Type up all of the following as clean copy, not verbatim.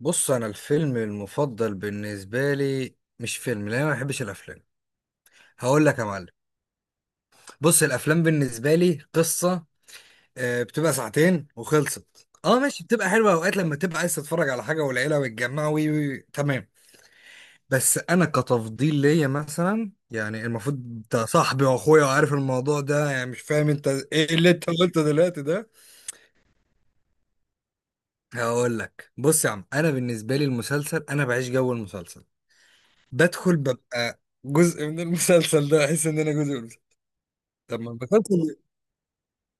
بص، انا الفيلم المفضل بالنسبه لي مش فيلم، لان انا ما بحبش الافلام. هقول لك يا معلم. بص، الافلام بالنسبه لي قصه. بتبقى ساعتين وخلصت. اه، ماشي. بتبقى حلوه اوقات لما تبقى عايز تتفرج على حاجه والعيله ويتجمعوا، وي وي وي، تمام. بس انا كتفضيل ليا مثلا، يعني المفروض انت صاحبي واخويا وعارف الموضوع ده، يعني مش فاهم انت ايه اللي انت قلته دلوقتي ده. هقول لك، بص يا عم، انا بالنسبه لي المسلسل انا بعيش جو المسلسل. بدخل ببقى جزء من المسلسل، ده احس ان انا جزء من المسلسل. لما المسلسل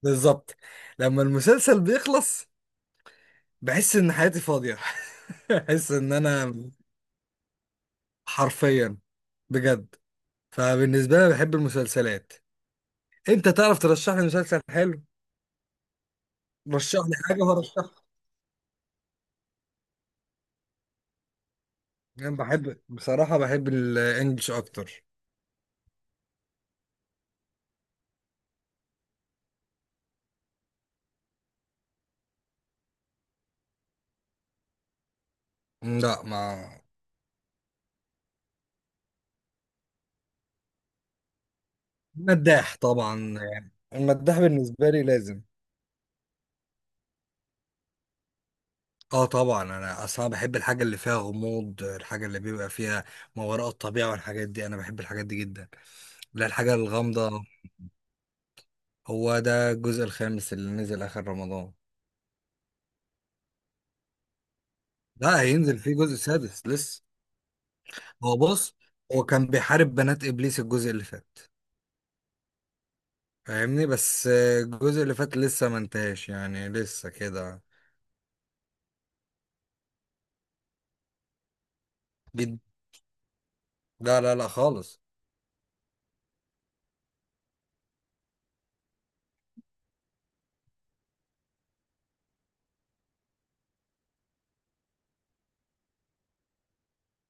بالظبط. لما المسلسل بيخلص بحس ان حياتي فاضية احس ان انا حرفيا، بجد. فبالنسبة لي بحب المسلسلات. انت تعرف ترشح لي مسلسل حلو؟ رشح لي حاجة وهرشحها. انا بحب بصراحة، بحب الانجليش اكتر. لا ما مداح طبعا. يعني المداح بالنسبة لي لازم. اه طبعا، انا اصلا بحب الحاجه اللي فيها غموض، الحاجه اللي بيبقى فيها ما وراء الطبيعه والحاجات دي، انا بحب الحاجات دي جدا. لا، الحاجه الغامضه. هو ده الجزء الخامس اللي نزل اخر رمضان. لا، هينزل فيه جزء سادس لسه. هو بص هو كان بيحارب بنات ابليس الجزء اللي فات. فاهمني. بس الجزء اللي فات لسه ما انتهاش، يعني لسه كده. جد، لا لا لا خالص.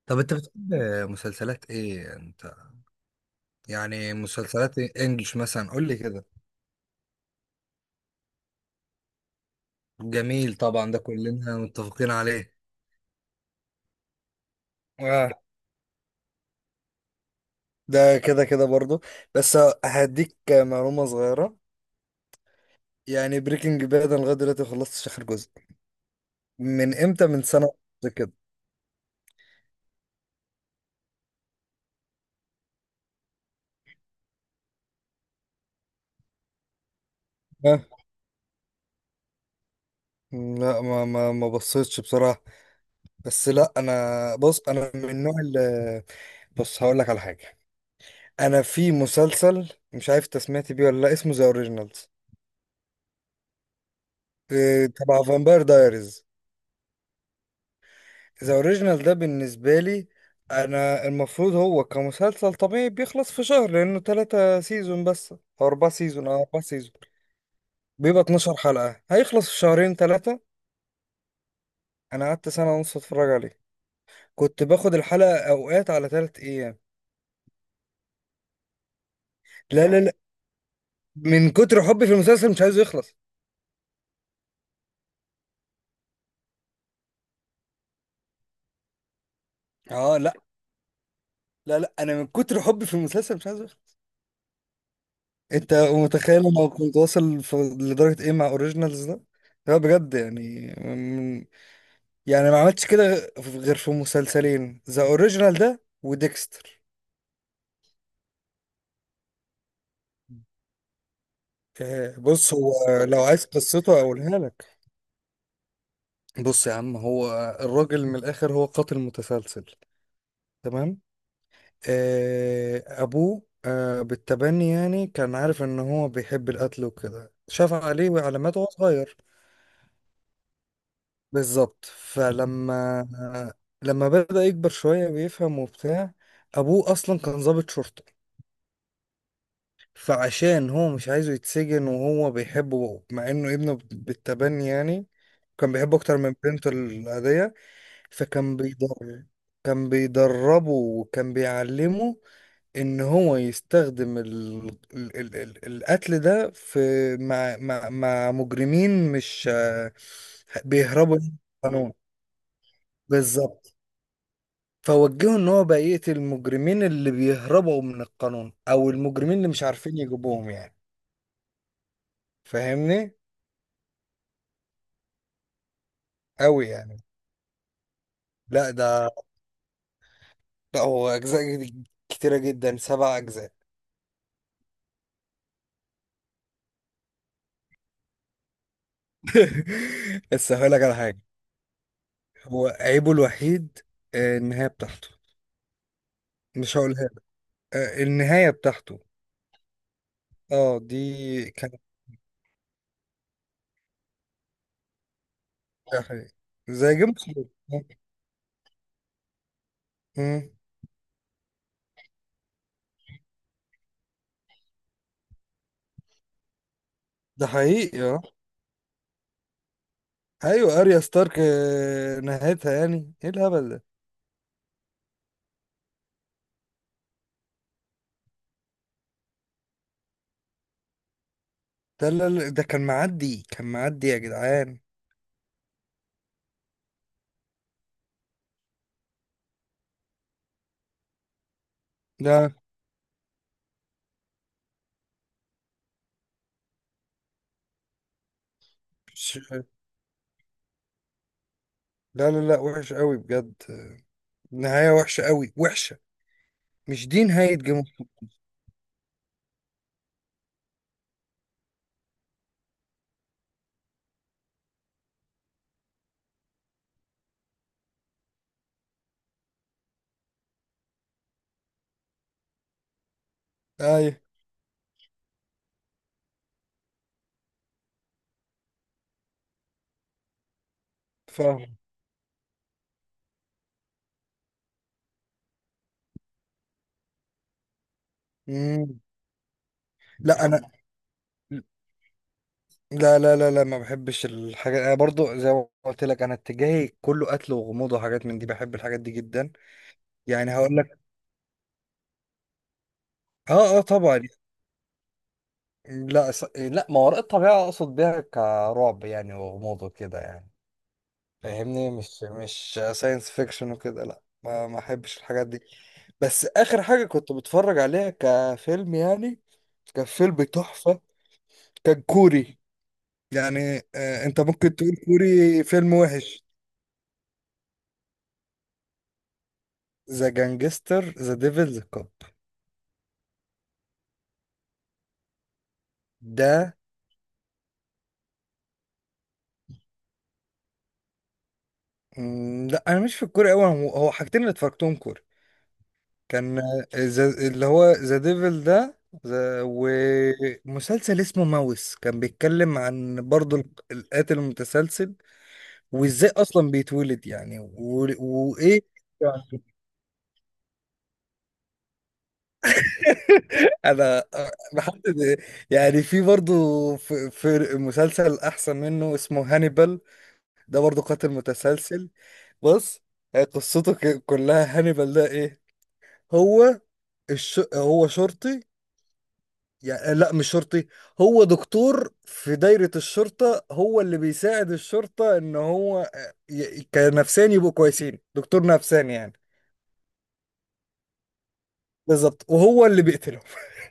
طب انت بتحب مسلسلات ايه انت؟ يعني مسلسلات انجلش مثلا، قول لي كده. جميل طبعا، ده كلنا متفقين عليه. اه، ده كده كده برضو. بس هديك معلومة صغيرة. يعني بريكنج باد انا لغاية دلوقتي خلصتش آخر جزء. من امتى؟ من سنة ونص كده. آه. لا، ما بصيتش بصراحة. بس لا، انا بص، انا من النوع اللي... بص هقول لك على حاجة. انا في مسلسل مش عارف انت سمعت بيه ولا لا، اسمه ذا اوريجينالز، تبع فامباير دايريز. ذا اوريجينال ده بالنسبة لي، انا المفروض هو كمسلسل طبيعي بيخلص في شهر، لانه 3 سيزون بس او 4 سيزون، او 4 سيزون بيبقى 12 حلقة، هيخلص في شهرين تلاتة. انا قعدت سنة ونص اتفرج عليه. كنت باخد الحلقة اوقات على 3 ايام. لا لا لا، من كتر حبي في المسلسل مش عايزه يخلص. اه لا، لا لا انا من كتر حبي في المسلسل مش عايزه يخلص. انت متخيل انا كنت واصل في- لدرجة ايه مع اوريجينالز ده؟ لا بجد يعني، يعني ما عملتش كده غير في مسلسلين، ذا اوريجينال ده وديكستر. آه، بص هو لو عايز قصته اقولها لك. بص يا عم، هو الراجل من الاخر هو قاتل متسلسل، تمام. ابوه بالتبني، يعني كان عارف ان هو بيحب القتل وكده، شاف عليه علامات وهو صغير. بالظبط. لما بدأ يكبر شوية بيفهم وبتاع، ابوه اصلا كان ضابط شرطة. فعشان هو مش عايزه يتسجن وهو بيحبه مع انه ابنه بالتبني، يعني كان بيحبه اكتر من بنته العادية. فكان بيضر كان بيدربه وكان بيعلمه ان هو يستخدم القتل ده في مع مجرمين، مش بيهربوا من القانون. بالظبط. فوجهه ان هو بقى يقتل المجرمين اللي بيهربوا من القانون، او المجرمين اللي مش عارفين يجيبوهم يعني، فاهمني. قوي يعني. لا ده لا هو اجزاء كتيره جدا، 7 اجزاء. بس هقول لك على حاجه. هو عيبه الوحيد النهايه بتاعته. مش هقولها لك. النهايه بتاعته، اه دي كانت... ده حقيقي. زي جيم اوف ثرونز. مم. ده حقيقي اه. ايوه اريا ستارك، نهايتها يعني ايه الهبل ده. ده لا لا، ده كان معدي كان معدي يا جدعان. لا مش- لا لا لا، وحش قوي بجد، نهايه وحشه قوي، وحشه. مش دي نهاية جيم اوف ثرونز. ايوه. فاهم. مم. لا انا، لا لا لا لا ما بحبش الحاجات. انا برضو زي ما قلت لك، انا اتجاهي كله قتل وغموض وحاجات من دي، بحب الحاجات دي جدا. يعني هقول لك، اه اه طبعا. لا، ما وراء الطبيعة اقصد بيها كرعب يعني، وغموض وكده يعني. فاهمني، مش ساينس فيكشن وكده، لا ما احبش الحاجات دي. بس اخر حاجة كنت بتفرج عليها كفيلم يعني، كان فيلم تحفة. كان كوري. يعني انت ممكن تقول كوري فيلم وحش. ذا جانجستر ذا ديفلز كاب. ده مم، لا انا مش في الكوري قوي. هو حاجتين اللي اتفرجتهم كوري، كان اللي هو ذا ديفل ده. ومسلسل اسمه ماوس كان بيتكلم عن برضه القاتل المتسلسل. وازاي اصلا بيتولد، يعني وايه. يعني انا بحدد. يعني في برضه، في مسلسل احسن منه اسمه هانيبال، ده برضه قاتل متسلسل. بص، هي قصته كلها. هانيبال ده ايه؟ هو هو شرطي. يعني لا مش شرطي، هو دكتور في دايرة الشرطة، هو اللي بيساعد الشرطة ان هو كنفساني يبقوا كويسين، دكتور نفساني يعني. بالظبط. وهو اللي بيقتلهم.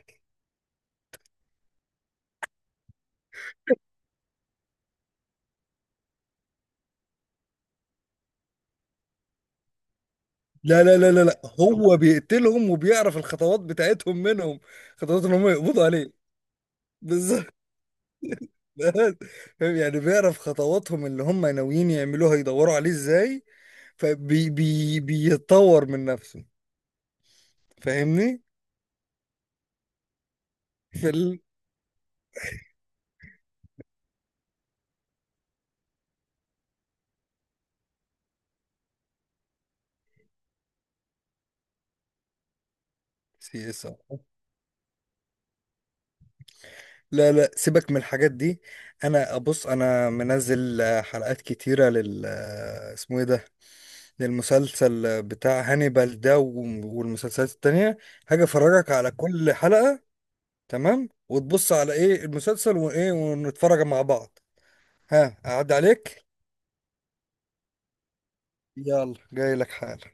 لا لا لا لا لا، هو بيقتلهم وبيعرف الخطوات بتاعتهم منهم، خطوات ان هم يقبضوا عليه. فاهم، يعني بيعرف خطواتهم اللي هم ناويين يعملوها يدوروا عليه ازاي، فبي بي بيتطور من نفسه. فاهمني. في ال C S R. لا لا، سيبك من الحاجات دي. انا ابص، انا منزل حلقات كتيرة لل اسمه ايه ده، للمسلسل بتاع هانيبال ده، والمسلسلات التانية. هاجي افرجك على كل حلقة، تمام، وتبص على ايه المسلسل وايه، ونتفرج مع بعض. ها اعد عليك. يلا جاي لك حالا.